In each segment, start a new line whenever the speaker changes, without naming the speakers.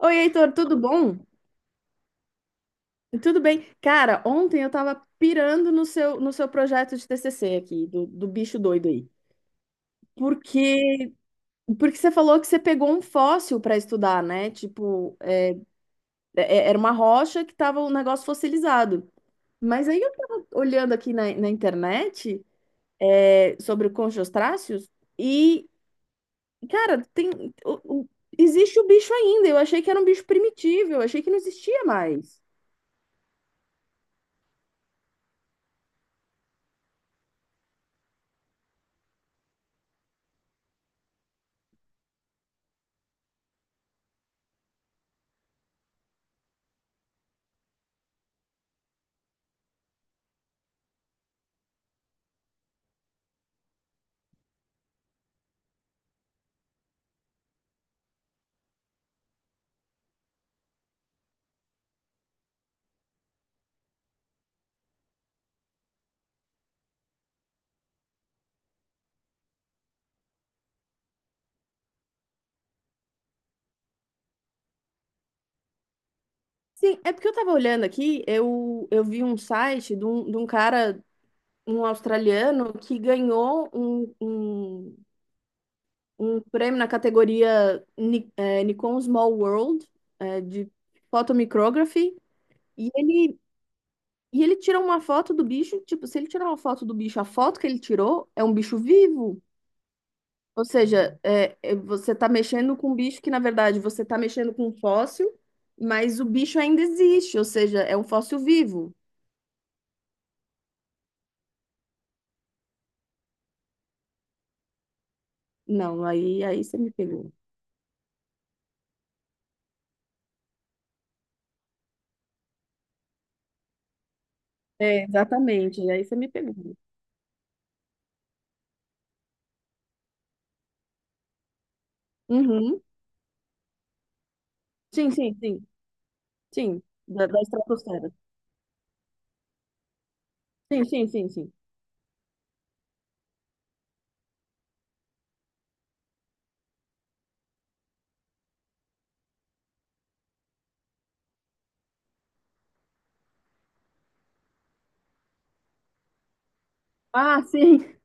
Oi, Heitor, tudo bom? Tudo bem? Cara, ontem eu tava pirando no seu projeto de TCC aqui, do bicho doido aí. Porque, porque você falou que você pegou um fóssil para estudar, né? Tipo, era uma rocha que tava um negócio fossilizado. Mas aí eu tava olhando aqui na internet, sobre conchostráceos e, cara, tem, o- o- existe o bicho ainda. Eu achei que era um bicho primitivo, eu achei que não existia mais. Sim, é porque eu tava olhando aqui, eu vi um site de um cara, um australiano, que ganhou um, um, um prêmio na categoria Nikon Small World, de photomicrography, e ele, e ele tirou uma foto do bicho, tipo, se ele tirar uma foto do bicho, a foto que ele tirou é um bicho vivo. Ou seja, você tá mexendo com um bicho que, na verdade, você tá mexendo com um fóssil, mas o bicho ainda existe, ou seja, é um fóssil vivo. Não, aí você me pegou. É, exatamente, aí você me pegou. Uhum. Sim, sim, sim, sim, da estratosfera. Sim, sim, sim, sim. Ah, sim.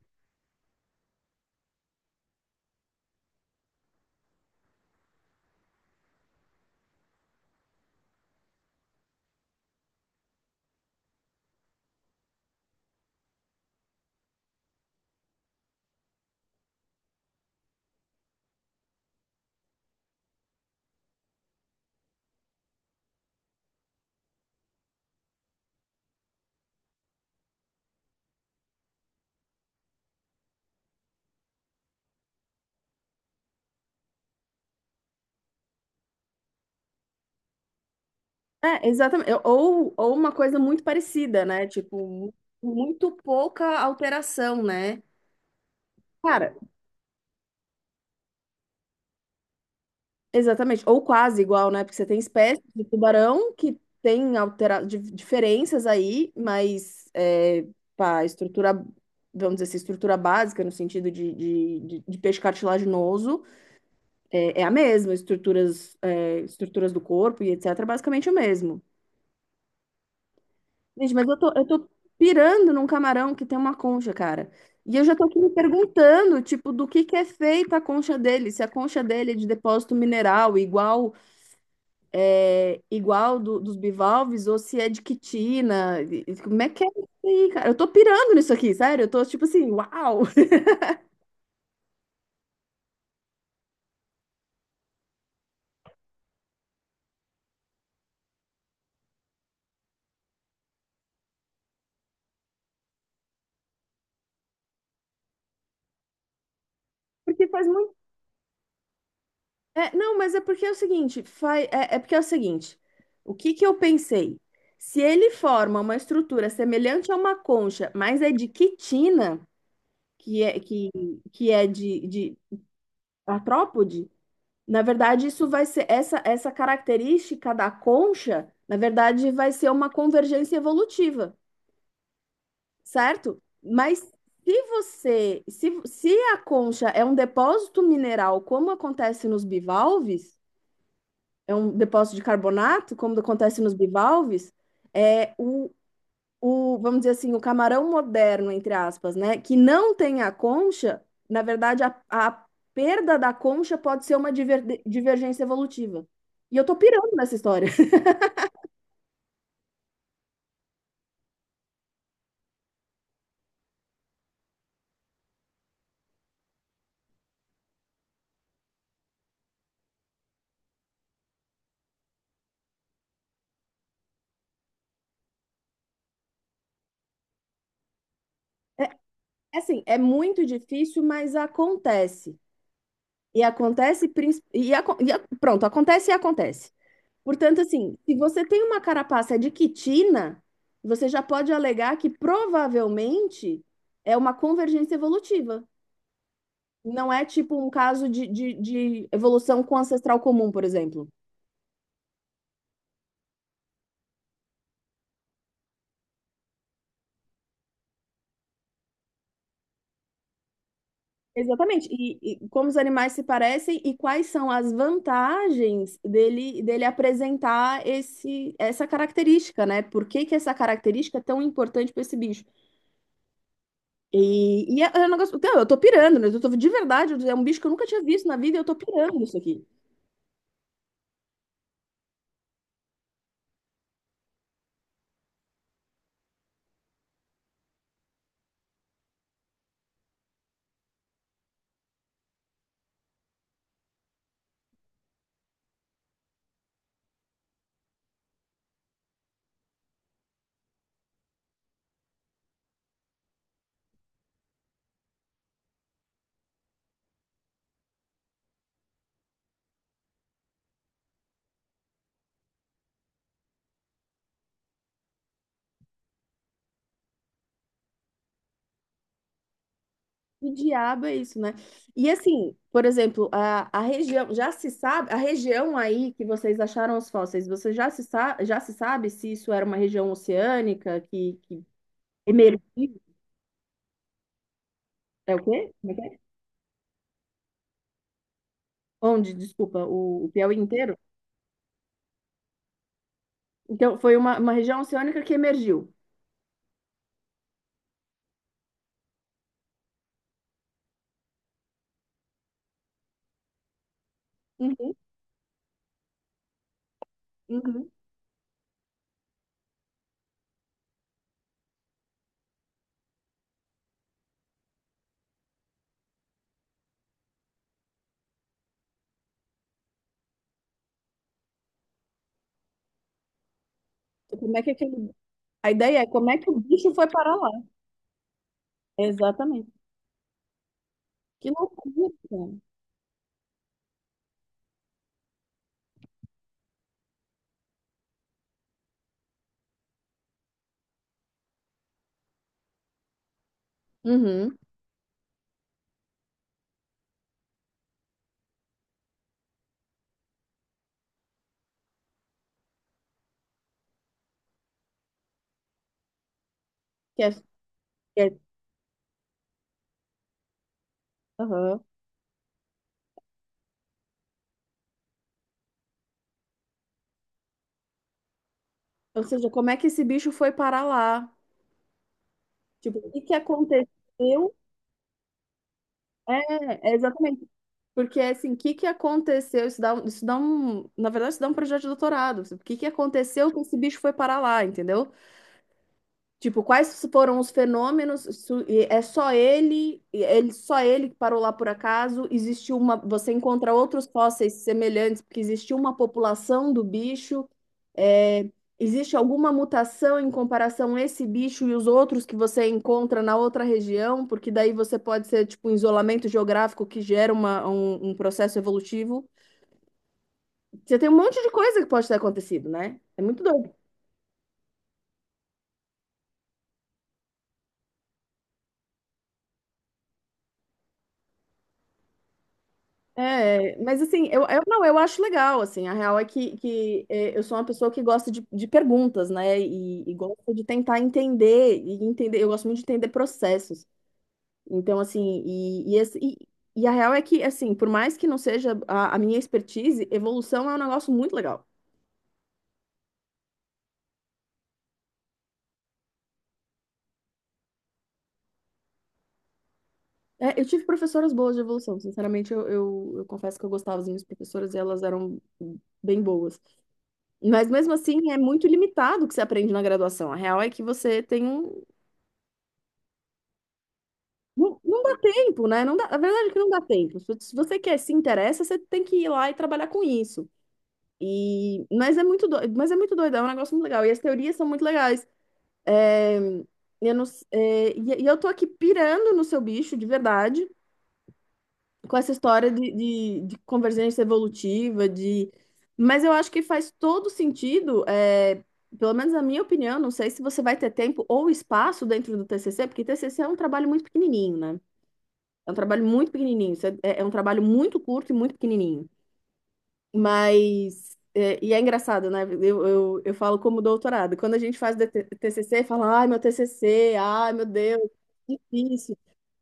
É, exatamente. Ou uma coisa muito parecida, né? Tipo, muito pouca alteração, né? Cara, exatamente, ou quase igual, né? Porque você tem espécies de tubarão que tem altera... diferenças aí, mas é, pá, estrutura, vamos dizer assim, estrutura básica no sentido de peixe cartilaginoso é, é a mesma, estruturas, é, estruturas do corpo e etc. é basicamente o mesmo. Gente, mas eu tô pirando num camarão que tem uma concha, cara. E eu já tô aqui me perguntando, tipo, do que é feita a concha dele, se a concha dele é de depósito mineral, igual. É, igual dos bivalves ou se é de quitina. Como é que é isso aí, cara? Eu tô pirando nisso aqui, sério. Eu tô tipo assim, uau! Porque faz muito. É, não, mas é porque é o seguinte, faz, é porque é o seguinte, o que que eu pensei? Se ele forma uma estrutura semelhante a uma concha, mas é de quitina, que é, que, que é de artrópode, na verdade isso vai ser, essa característica da concha, na verdade vai ser uma convergência evolutiva. Certo? Mas se você, se a concha é um depósito mineral, como acontece nos bivalves, é um depósito de carbonato, como acontece nos bivalves, é o, vamos dizer assim, o camarão moderno, entre aspas, né? Que não tem a concha, na verdade, a perda da concha pode ser uma divergência evolutiva. E eu tô pirando nessa história. Assim, é muito difícil, mas acontece. Pronto, acontece e acontece. Portanto, assim, se você tem uma carapaça de quitina, você já pode alegar que provavelmente é uma convergência evolutiva. Não é tipo um caso de evolução com ancestral comum, por exemplo. Exatamente. E como os animais se parecem e quais são as vantagens dele, dele apresentar essa característica, né? Por que que essa característica é tão importante para esse bicho? É um negócio. Então eu tô pirando, né? Eu tô de verdade, é um bicho que eu nunca tinha visto na vida e eu tô pirando isso aqui. Que diabo é isso, né? E assim, por exemplo, a região, já se sabe, a região aí que vocês acharam os fósseis, você já se, sa- já se sabe se isso era uma região oceânica que emergiu? É o quê? Como é que é? Onde? Desculpa, o Piauí inteiro? Então, foi uma região oceânica que emergiu. Uhum, uhum. Como é que aquele... A ideia é como é que o bicho foi parar lá. Exatamente. Que loucura. Uhum. Que é, que é- aham. Ou seja, como é que esse bicho foi parar lá? Tipo, o que que aconteceu? É, é exatamente. Porque, assim, o que que aconteceu? Isso dá um... Na verdade, isso dá um projeto de doutorado. Tipo, o que que aconteceu que esse bicho foi parar lá, entendeu? Tipo, quais foram os fenômenos? É só ele, só ele que parou lá por acaso? Existiu uma... Você encontra outros fósseis semelhantes, porque existiu uma população do bicho? É, existe alguma mutação em comparação a esse bicho e os outros que você encontra na outra região? Porque daí você pode ser tipo um isolamento geográfico que gera um processo evolutivo. Você tem um monte de coisa que pode ter acontecido, né? É muito doido. É, mas assim, eu não, eu acho legal, assim, a real é eu sou uma pessoa que gosta de perguntas, né? E gosto de tentar entender, e entender, eu gosto muito de entender processos. Então, assim, e, e, esse- e- e a real é que, assim, por mais que não seja a minha expertise, evolução é um negócio muito legal. É, eu tive professoras boas de evolução, sinceramente, eu confesso que eu gostava das minhas professoras e elas eram bem boas. Mas mesmo assim, é muito limitado o que você aprende na graduação. A real é que você tem um. Não, não dá tempo, né? Não dá, a verdade é que não dá tempo. Se você quer, se interessa, você tem que ir lá e trabalhar com isso. E, mas é muito doido, mas é muito doido, é um negócio muito legal. E as teorias são muito legais. É, eu não s- é, e eu tô aqui pirando no seu bicho, de verdade, com essa história de convergência evolutiva, de... Mas eu acho que faz todo sentido, é, pelo menos na minha opinião, não sei se você vai ter tempo ou espaço dentro do TCC, porque TCC é um trabalho muito pequenininho, né? É um trabalho muito pequenininho, é é é um trabalho muito curto e muito pequenininho. Mas, é, e é engraçado, né? Eu falo como doutorado. Quando a gente faz DT TCC, fala, ai, meu TCC, ai, meu Deus, difícil.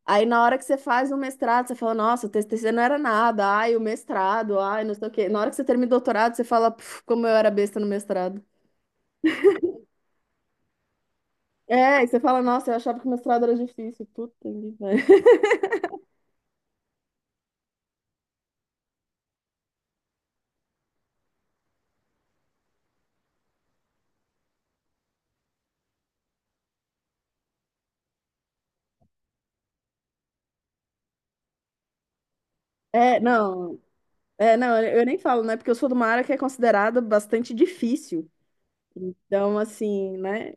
Aí, na hora que você faz um mestrado, você fala, nossa, o TCC não era nada, ai, o mestrado, ai, não sei o quê. Na hora que você termina o doutorado, você fala, "Puf, como eu era besta no mestrado. É, e você fala, nossa, eu achava que o mestrado era difícil. Puta que pariu. É, não, é, não, eu nem falo, né? Porque eu sou de uma área que é considerada bastante difícil. Então, assim, né?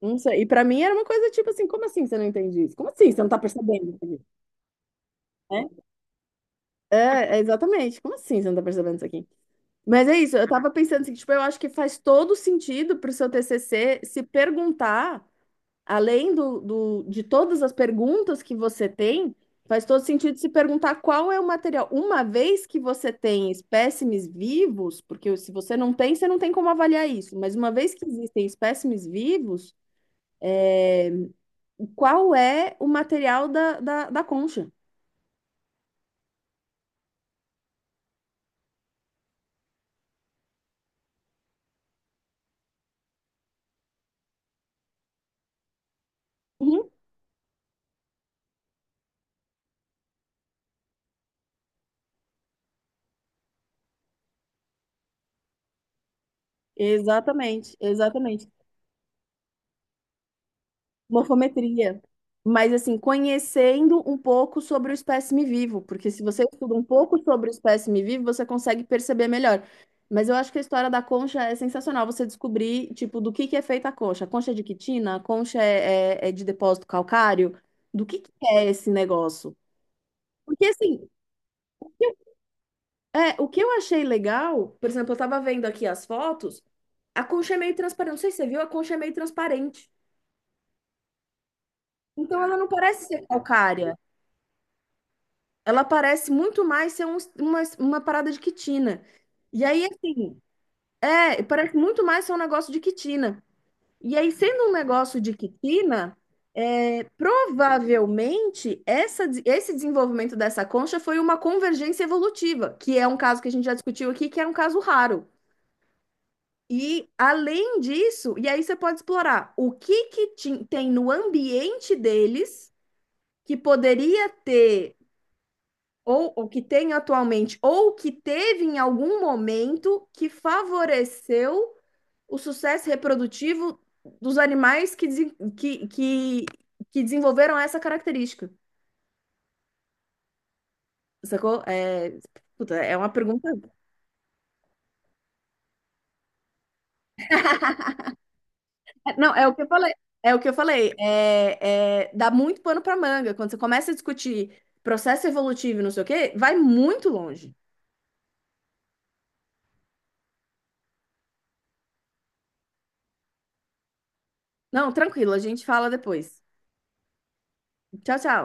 Não sei. E pra mim era uma coisa tipo assim, como assim você não entende isso? Como assim você não tá percebendo isso aqui? Né? É, é, exatamente. Como assim você não tá percebendo isso aqui? Mas é isso, eu tava pensando assim, que, tipo, eu acho que faz todo sentido pro seu TCC se perguntar, além de todas as perguntas que você tem, faz todo sentido se perguntar qual é o material. Uma vez que você tem espécimes vivos, porque se você não tem, você não tem como avaliar isso, mas uma vez que existem espécimes vivos, qual é o material da concha. Uhum. Exatamente, exatamente. Morfometria. Mas, assim, conhecendo um pouco sobre o espécime vivo, porque se você estuda um pouco sobre o espécime vivo, você consegue perceber melhor. Mas eu acho que a história da concha é sensacional você descobrir, tipo, do que é feita a concha. A concha é de quitina? A concha é, é de depósito calcário? Do que é esse negócio? Porque, assim, é, o que eu achei legal, por exemplo, eu tava vendo aqui as fotos, a concha é meio transparente. Não sei se você viu, a concha é meio transparente. Então ela não parece ser calcária. Ela parece muito mais ser uma parada de quitina. E aí, assim, é, parece muito mais ser um negócio de quitina. E aí, sendo um negócio de quitina, é, provavelmente esse desenvolvimento dessa concha foi uma convergência evolutiva, que é um caso que a gente já discutiu aqui, que é um caso raro. E além disso, e aí você pode explorar o que que tem no ambiente deles que poderia ter ou o que tem atualmente ou que teve em algum momento que favoreceu o sucesso reprodutivo dos animais que desenvolveram essa característica. Sacou? É, puta, é uma pergunta. Não, é o que eu falei. É o que eu falei. Dá muito pano para manga. Quando você começa a discutir processo evolutivo e não sei o quê, vai muito longe. Não, tranquilo, a gente fala depois. Tchau, tchau.